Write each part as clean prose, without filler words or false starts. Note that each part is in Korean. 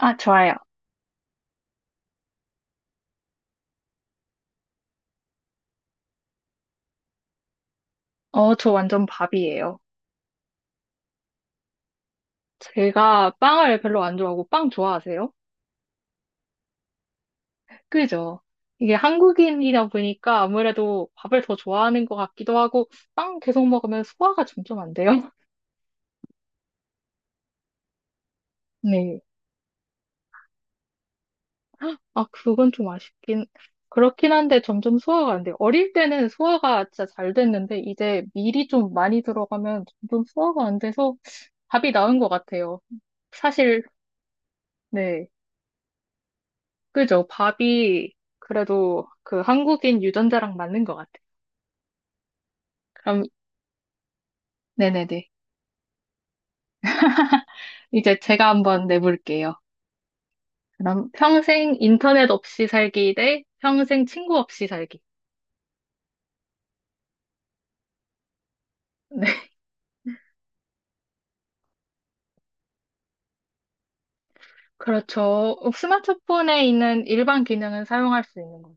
아, 좋아요. 어, 저 완전 밥이에요. 제가 빵을 별로 안 좋아하고 빵 좋아하세요? 그죠? 이게 한국인이다 보니까 아무래도 밥을 더 좋아하는 것 같기도 하고 빵 계속 먹으면 소화가 점점 안 돼요. 네. 아, 그건 좀 아쉽긴 그렇긴 한데 점점 소화가 안 돼요. 어릴 때는 소화가 진짜 잘 됐는데 이제 밀이 좀 많이 들어가면 점점 소화가 안 돼서 밥이 나은 것 같아요. 사실 네. 그죠? 밥이 그래도 그 한국인 유전자랑 맞는 것 같아요. 그럼, 네네네. 이제 제가 한번 내볼게요. 그럼 평생 인터넷 없이 살기 대 평생 친구 없이 살기. 네, 그렇죠. 스마트폰에 있는 일반 기능은 사용할 수 있는 거죠.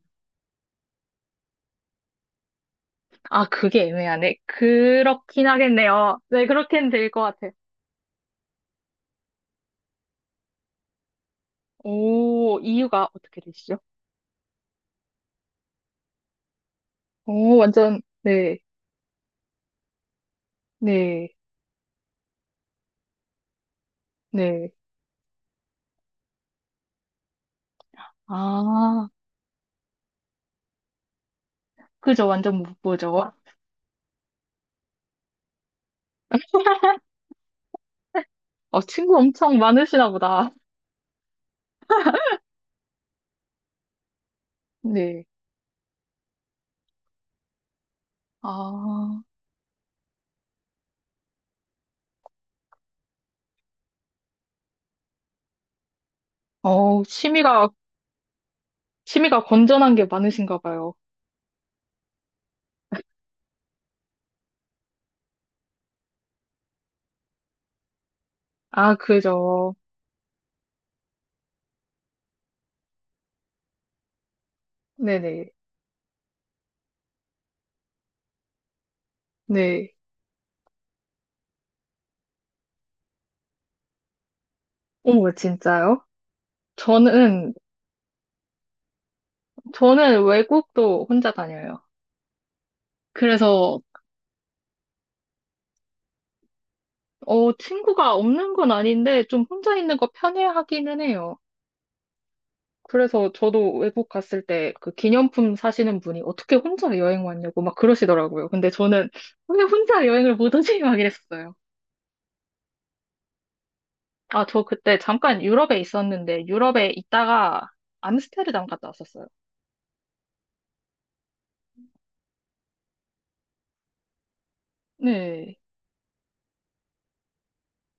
아, 그게 애매하네. 그렇긴 하겠네요. 네, 그렇게는 될 것 같아요. 오, 이유가 어떻게 되시죠? 오, 완전, 네, 네, 네. 아, 그죠. 완전 못 보죠. 어, 친구 엄청 많으시나 보다. 네. 아, 어, 취미가 건전한 게 많으신가 봐요. 아, 그죠. 네네. 네. 어머, 진짜요? 저는, 저는 외국도 혼자 다녀요. 그래서, 어, 친구가 없는 건 아닌데, 좀 혼자 있는 거 편해하기는 해요. 그래서 저도 외국 갔을 때 그 기념품 사시는 분이 어떻게 혼자 여행 왔냐고 막 그러시더라고요. 근데 저는 왜 혼자 여행을 못 오지? 막 이랬어요. 아, 저 그때 잠깐 유럽에 있었는데, 유럽에 있다가 암스테르담 갔다 왔었어요. 네,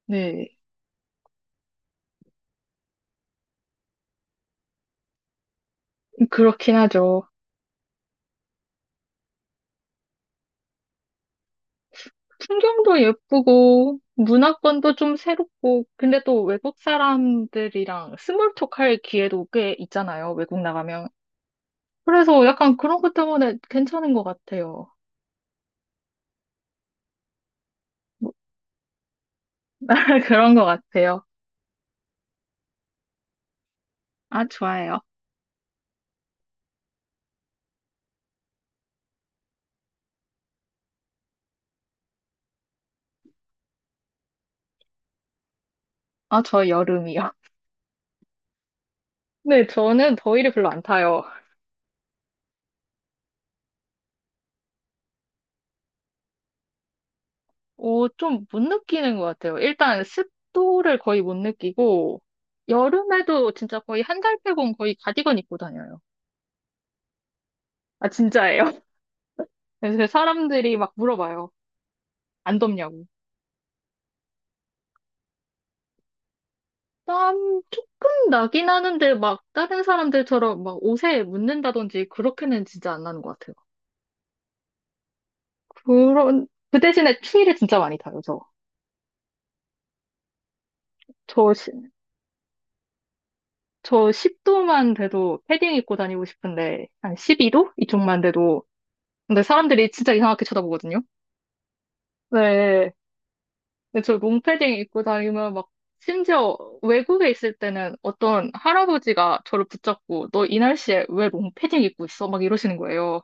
네. 그렇긴 하죠. 풍경도 예쁘고, 문화권도 좀 새롭고, 근데 또 외국 사람들이랑 스몰톡 할 기회도 꽤 있잖아요, 외국 나가면. 그래서 약간 그런 것 때문에 괜찮은 것 같아요. 그런 것 같아요. 아, 좋아요. 아, 저 여름이요. 네, 저는 더위를 별로 안 타요. 오, 좀 못 느끼는 것 같아요. 일단 습도를 거의 못 느끼고, 여름에도 진짜 거의 한 달 빼곤 거의 가디건 입고 다녀요. 아, 진짜예요. 그래서 그 사람들이 막 물어봐요. 안 덥냐고. 땀 조금 나긴 하는데 막 다른 사람들처럼 막 옷에 묻는다든지 그렇게는 진짜 안 나는 것 같아요. 그런, 그 대신에 추위를 진짜 많이 타요, 저. 저, 시- 저 10도만 돼도 패딩 입고 다니고 싶은데, 한 12도? 이쪽만 돼도. 근데 사람들이 진짜 이상하게 쳐다보거든요. 네. 근데 저 롱패딩 입고 다니면 막, 심지어 외국에 있을 때는 어떤 할아버지가 저를 붙잡고, 너 이 날씨에 왜 롱패딩 입고 있어? 막 이러시는 거예요.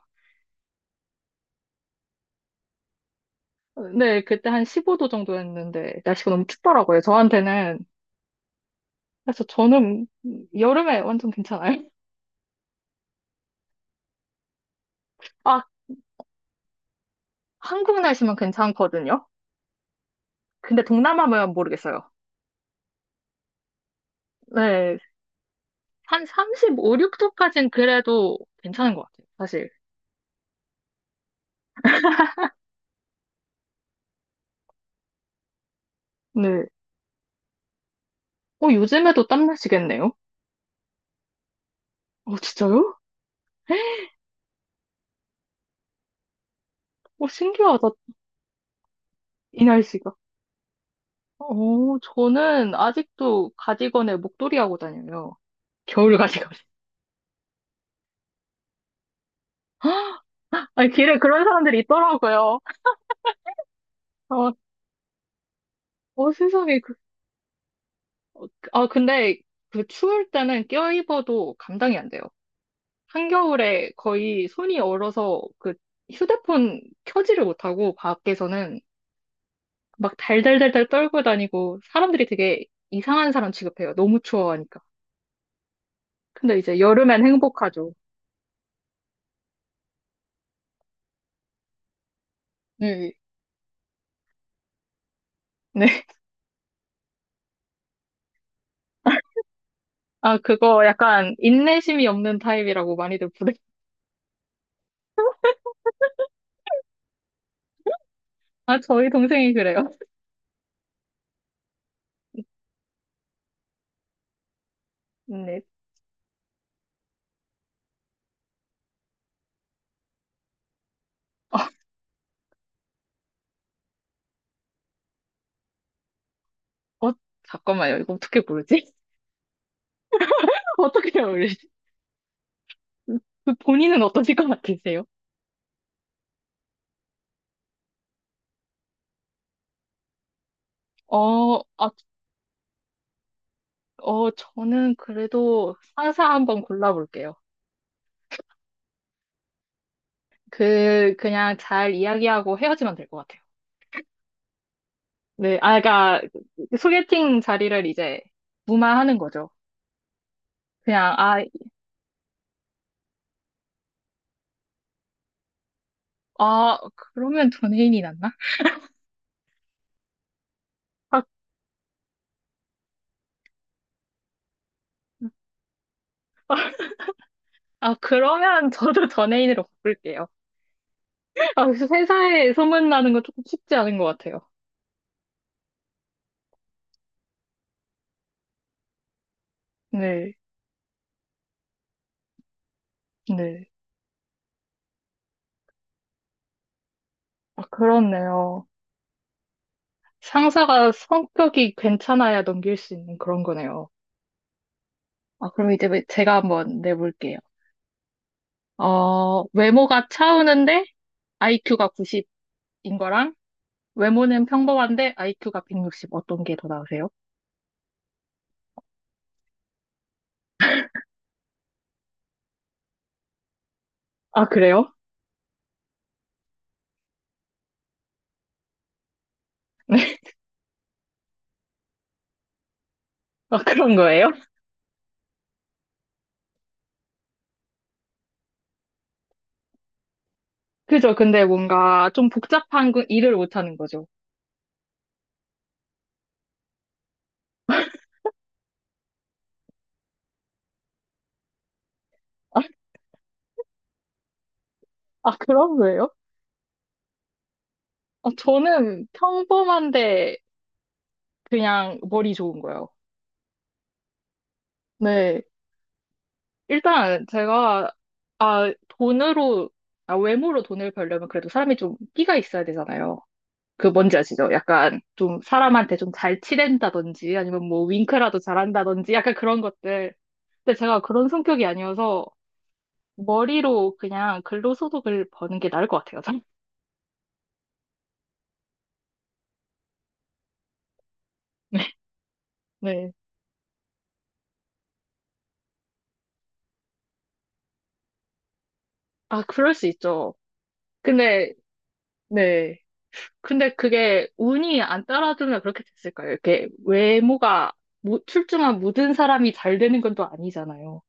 네, 그때 한 15도 정도였는데, 날씨가 너무 춥더라고요, 저한테는. 그래서 저는 여름에 완전 괜찮아요. 아, 한국 날씨만 괜찮거든요. 근데 동남아면 모르겠어요. 네, 한 35, 6도까지는 그래도 괜찮은 것 같아요, 사실. 네. 어, 요즘에도 땀 나시겠네요? 어, 진짜요? 오, 신기하다, 이날씨가. 오, 저는 아직도 가디건에 목도리 하고 다녀요. 겨울 가디건. 아니, 길에 그런 사람들이 있더라고요. 어, 세상에. 근데 그 추울 때는 껴입어도 감당이 안 돼요. 한겨울에 거의 손이 얼어서 그 휴대폰 켜지를 못하고 밖에서는 막 달달달달 떨고 다니고 사람들이 되게 이상한 사람 취급해요. 너무 추워하니까. 근데 이제 여름엔 행복하죠. 네. 네. 아, 그거 약간 인내심이 없는 타입이라고 많이들 부르. 아, 저희 동생이 그래요. 네. 어, 잠깐만요. 이거 어떻게 부르지? 어떻게 부르지? 그 본인은 어떠실 것 같으세요? 어, 아, 어, 저는 그래도 상사 한번 골라볼게요. 그, 그냥 잘 이야기하고 헤어지면 될 것 같아요. 네, 아, 그러니까 소개팅 자리를 이제 무마하는 거죠. 그냥, 아, 아, 그러면 전혜인이 낫나? 아, 그러면 저도 전혜인으로 바꿀게요. 아, 그래서 회사에 소문나는 건 조금 쉽지 않은 것 같아요. 네, 네. 아, 그렇네요. 상사가 성격이 괜찮아야 넘길 수 있는 그런 거네요. 아, 그럼 이제 제가 한번 내볼게요. 어, 외모가 차우는데 IQ가 90인 거랑 외모는 평범한데 IQ가 160 어떤 게 더 나으세요? 아, 그래요? 아, 그런 거예요? 그죠. 근데 뭔가 좀 복잡한 거 일을 못하는 거죠. 아, 그런 거예요? 아, 저는 평범한데 그냥 머리 좋은 거예요. 네. 일단 제가, 아, 돈으로, 아, 외모로 돈을 벌려면 그래도 사람이 좀 끼가 있어야 되잖아요. 그 뭔지 아시죠? 약간 좀 사람한테 좀 잘 치댄다든지 아니면 뭐 윙크라도 잘한다든지 약간 그런 것들. 근데 제가 그런 성격이 아니어서 머리로 그냥 근로소득을 버는 게 나을 것 같아요. 저는. 네. 네. 아, 그럴 수 있죠. 근데, 네. 근데 그게 운이 안 따라주면 그렇게 됐을까요? 이렇게 외모가 출중한 모든 사람이 잘 되는 건 또 아니잖아요.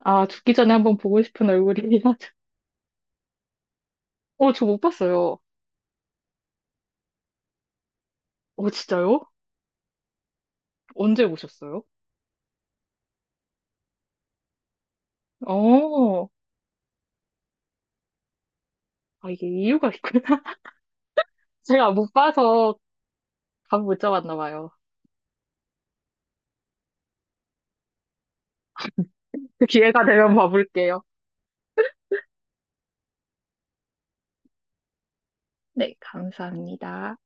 아, 죽기 전에 한번 보고 싶은 얼굴이긴 하죠. 어, 저 못 봤어요. 어, 진짜요? 언제 보셨어요? 어, 아, 이게 이유가 있구나. 제가 못 봐서 감 못 잡았나 봐요. 그 기회가 되면 봐볼게요. 네, 감사합니다.